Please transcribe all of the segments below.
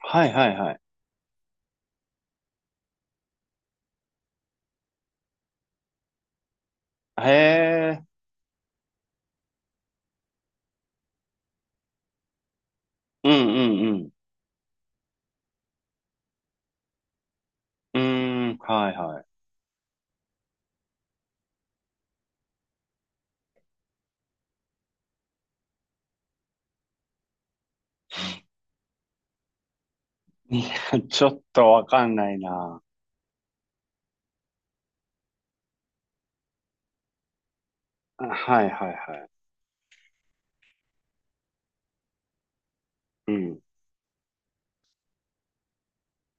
はいはいはい。へえ。うんうんうん。うーん、はいはい。いや、ちょっとわかんないな。あ、はいはいはい。うん。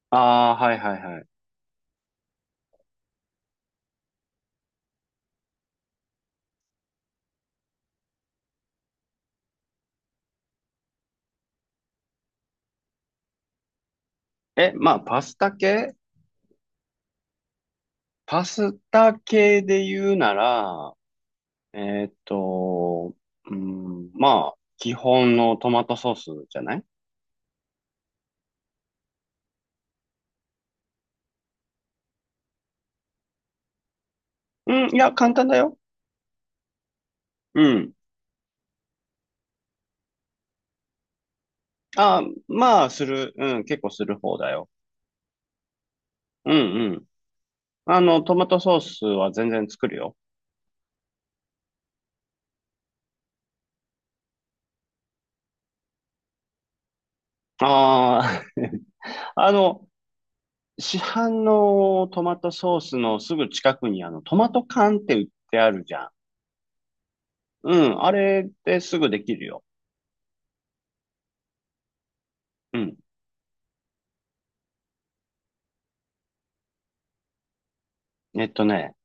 ああ、はいはいはい。まあ、パスタ系、パスタ系で言うなら、えーっと、うん、まあ、基本のトマトソースじゃない？うん、いや、簡単だよ。うん。あ、まあ、する。うん、結構する方だよ。うんうん。あの、トマトソースは全然作るよ。ああ、あの、市販のトマトソースのすぐ近くにあの、トマト缶って売ってあるじゃん。うん、あれですぐできるよ。うん。えっとね、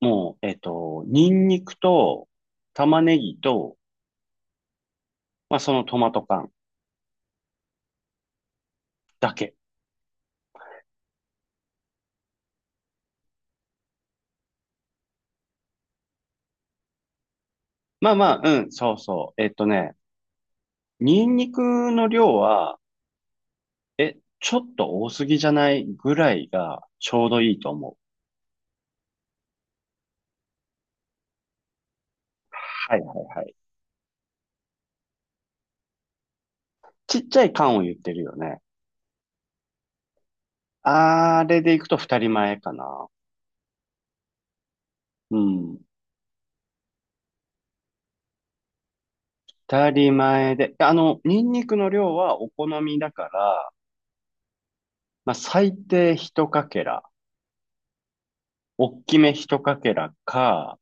もう、えっと、ニンニクと玉ねぎと、まあそのトマト缶だけ。まあまあ、うん、そうそう。えっとね、ニンニクの量は、ちょっと多すぎじゃないぐらいがちょうどいいと思う。はいはいはい。ちっちゃい缶を言ってるよね？あれでいくと二人前かな。うん。当たり前で。あの、ニンニクの量はお好みだから、まあ、最低一かけら、大きめ一かけらか、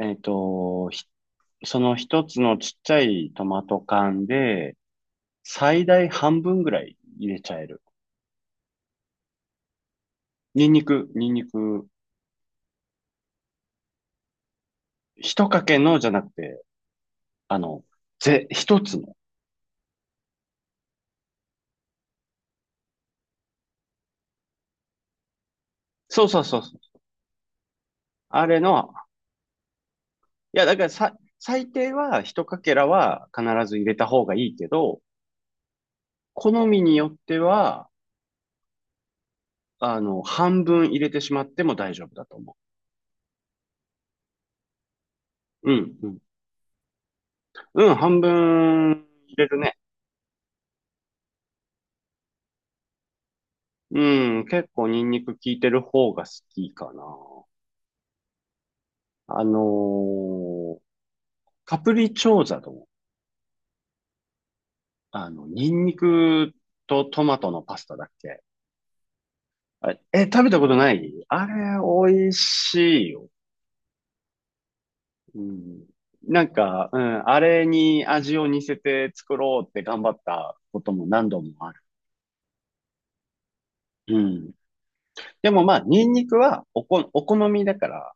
えっと、ひその一つのちっちゃいトマト缶で、最大半分ぐらい入れちゃえる。ニンニク、ニンニク、一かけのじゃなくて、あの、一つの。そうそうそうそう。あれの、いや、だからさ、最低は一かけらは必ず入れた方がいいけど、好みによっては、あの、半分入れてしまっても大丈夫だと思う。うん、うん。うん、半分入れるね。うん、結構ニンニク効いてる方が好きかな。あのーカプリチョーザの、あの、ニンニクとトマトのパスタだっけ？あれ、食べたことない？あれ、美味しいよ。うん。なんか、うん、あれに味を似せて作ろうって頑張ったことも何度もある。うん。でもまあ、ニンニクはお好みだから、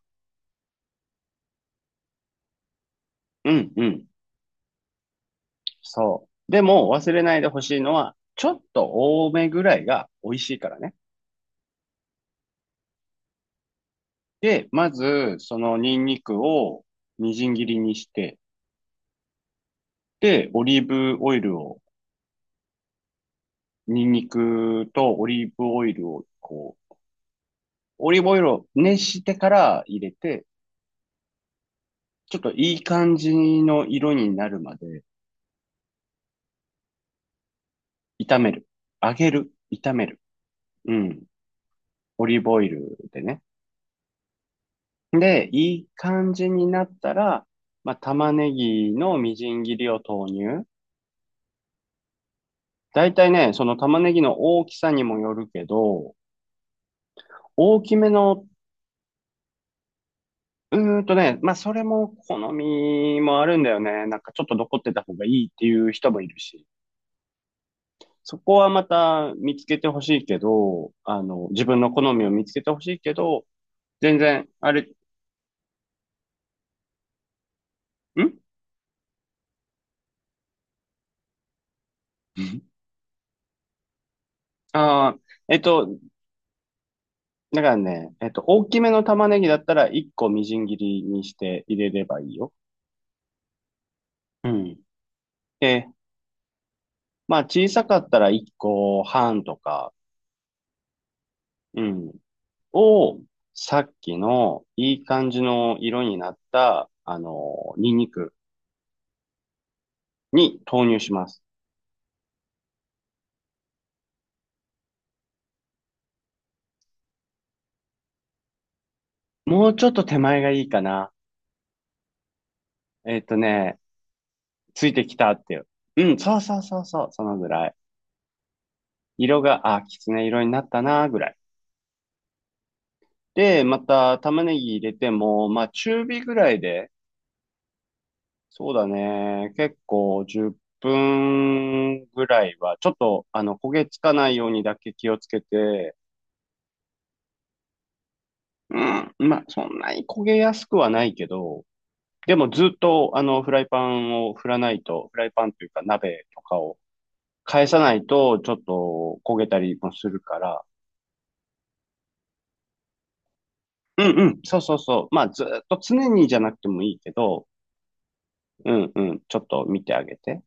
うんうん、そう。でも忘れないでほしいのは、ちょっと多めぐらいが美味しいからね。で、まず、そのニンニクをみじん切りにして、で、オリーブオイルを、ニンニクとオリーブオイルを、こう、オリーブオイルを熱してから入れて、ちょっといい感じの色になるまで炒める。揚げる。炒める。うん。オリーブオイルでね。で、いい感じになったら、まあ、玉ねぎのみじん切りを投入。だいたいね、その玉ねぎの大きさにもよるけど、大きめの、うーんとね、まあ、それも好みもあるんだよね。なんかちょっと残ってた方がいいっていう人もいるし。そこはまた見つけてほしいけど、あの、自分の好みを見つけてほしいけど、全然、あれ、んああー、えっと、だからね、えっと、大きめの玉ねぎだったら1個みじん切りにして入れればいいよ。うん。で、まあ小さかったら1個半とか、うん、を、さっきのいい感じの色になった、あの、ニンニクに投入します。もうちょっと手前がいいかな。えっとね、ついてきたっていう。うん、そうそうそうそう、そのぐらい。色が、あ、きつね色になったな、ぐらい。で、また玉ねぎ入れても、まあ中火ぐらいで、そうだね。結構10分ぐらいは、ちょっと、あの、焦げつかないようにだけ気をつけて、うん、まあ、そんなに焦げやすくはないけど、でもずっと、あの、フライパンを振らないと、フライパンというか鍋とかを返さないと、ちょっと焦げたりもするから、うんうん、そうそうそう。まあ、ずっと常にじゃなくてもいいけど、うんうん、ちょっと見てあげて。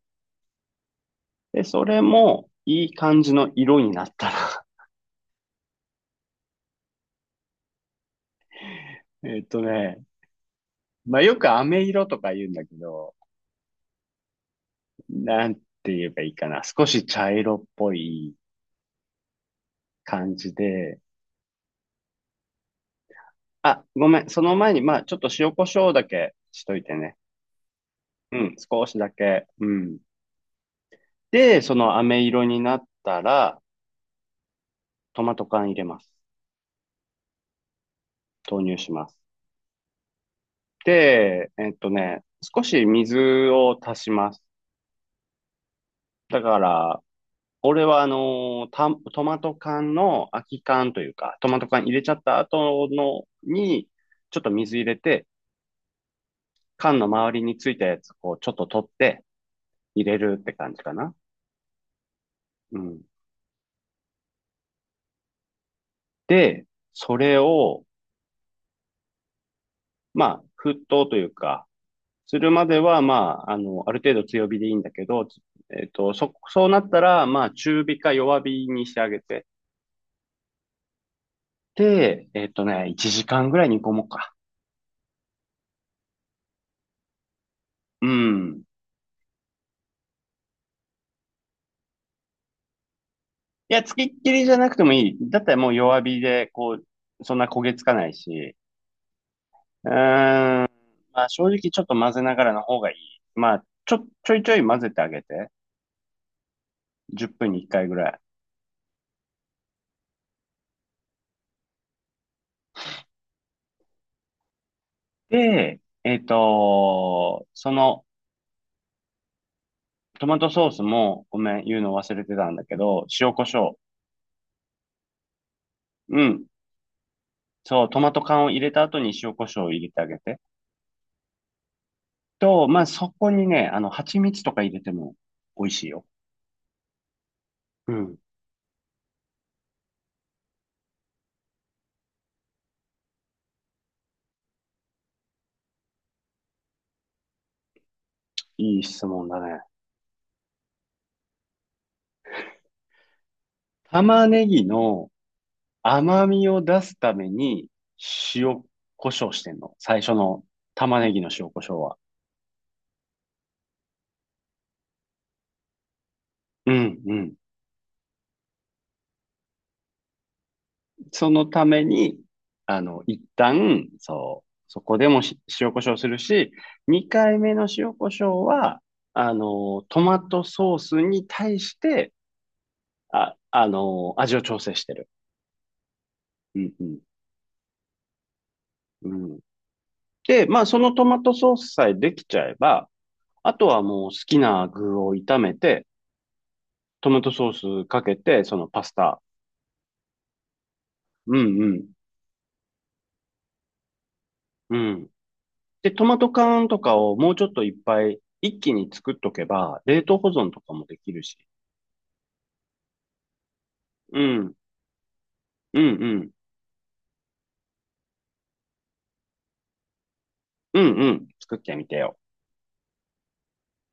で、それも、いい感じの色になったら、えっとね、まあよく飴色とか言うんだけど、なんて言えばいいかな。少し茶色っぽい感じで。あ、ごめん。その前に、まあちょっと塩コショウだけしといてね。うん、少しだけ。うん。で、その飴色になったら、トマト缶入れます。投入します。で、えっとね、少し水を足します。だから、俺はあのーた、トマト缶の空き缶というか、トマト缶入れちゃった後のに、ちょっと水入れて、缶の周りについたやつ、こう、ちょっと取って入れるって感じかな。うん。で、それを、まあ、沸騰というか、するまでは、まあ、あの、ある程度強火でいいんだけど、えっと、そうなったら、まあ、中火か弱火にしてあげて、で、えっとね、1時間ぐらい煮込もうか。うん。いや、つきっきりじゃなくてもいい。だったらもう弱火で、こう、そんな焦げつかないし。うーん、まあ正直ちょっと混ぜながらの方がいい。まあ、ちょいちょい混ぜてあげて。10分に1回ぐらい。で、えっと、その、トマトソースも、ごめん、言うの忘れてたんだけど、塩コショウ。うん。そう、トマト缶を入れた後に塩コショウを入れてあげて。と、まあそこにね、あの、蜂蜜とか入れても美味しいよ。うん。いい質問だね。玉ねぎの甘みを出すために塩、胡椒してんの。最初の玉ねぎの塩、胡椒は。うん、うん。そのために、あの、一旦、そう、そこでもし塩、ョウするし、二回目の塩、胡椒は、あの、トマトソースに対して、あの、味を調整してる。うん、うん、うん。で、まあ、そのトマトソースさえできちゃえば、あとはもう好きな具を炒めて、トマトソースかけて、そのパスタ。うんうん。うん。で、トマト缶とかをもうちょっといっぱい一気に作っとけば、冷凍保存とかもできるし。うん。うんうん。うんうん。作ってみてよ。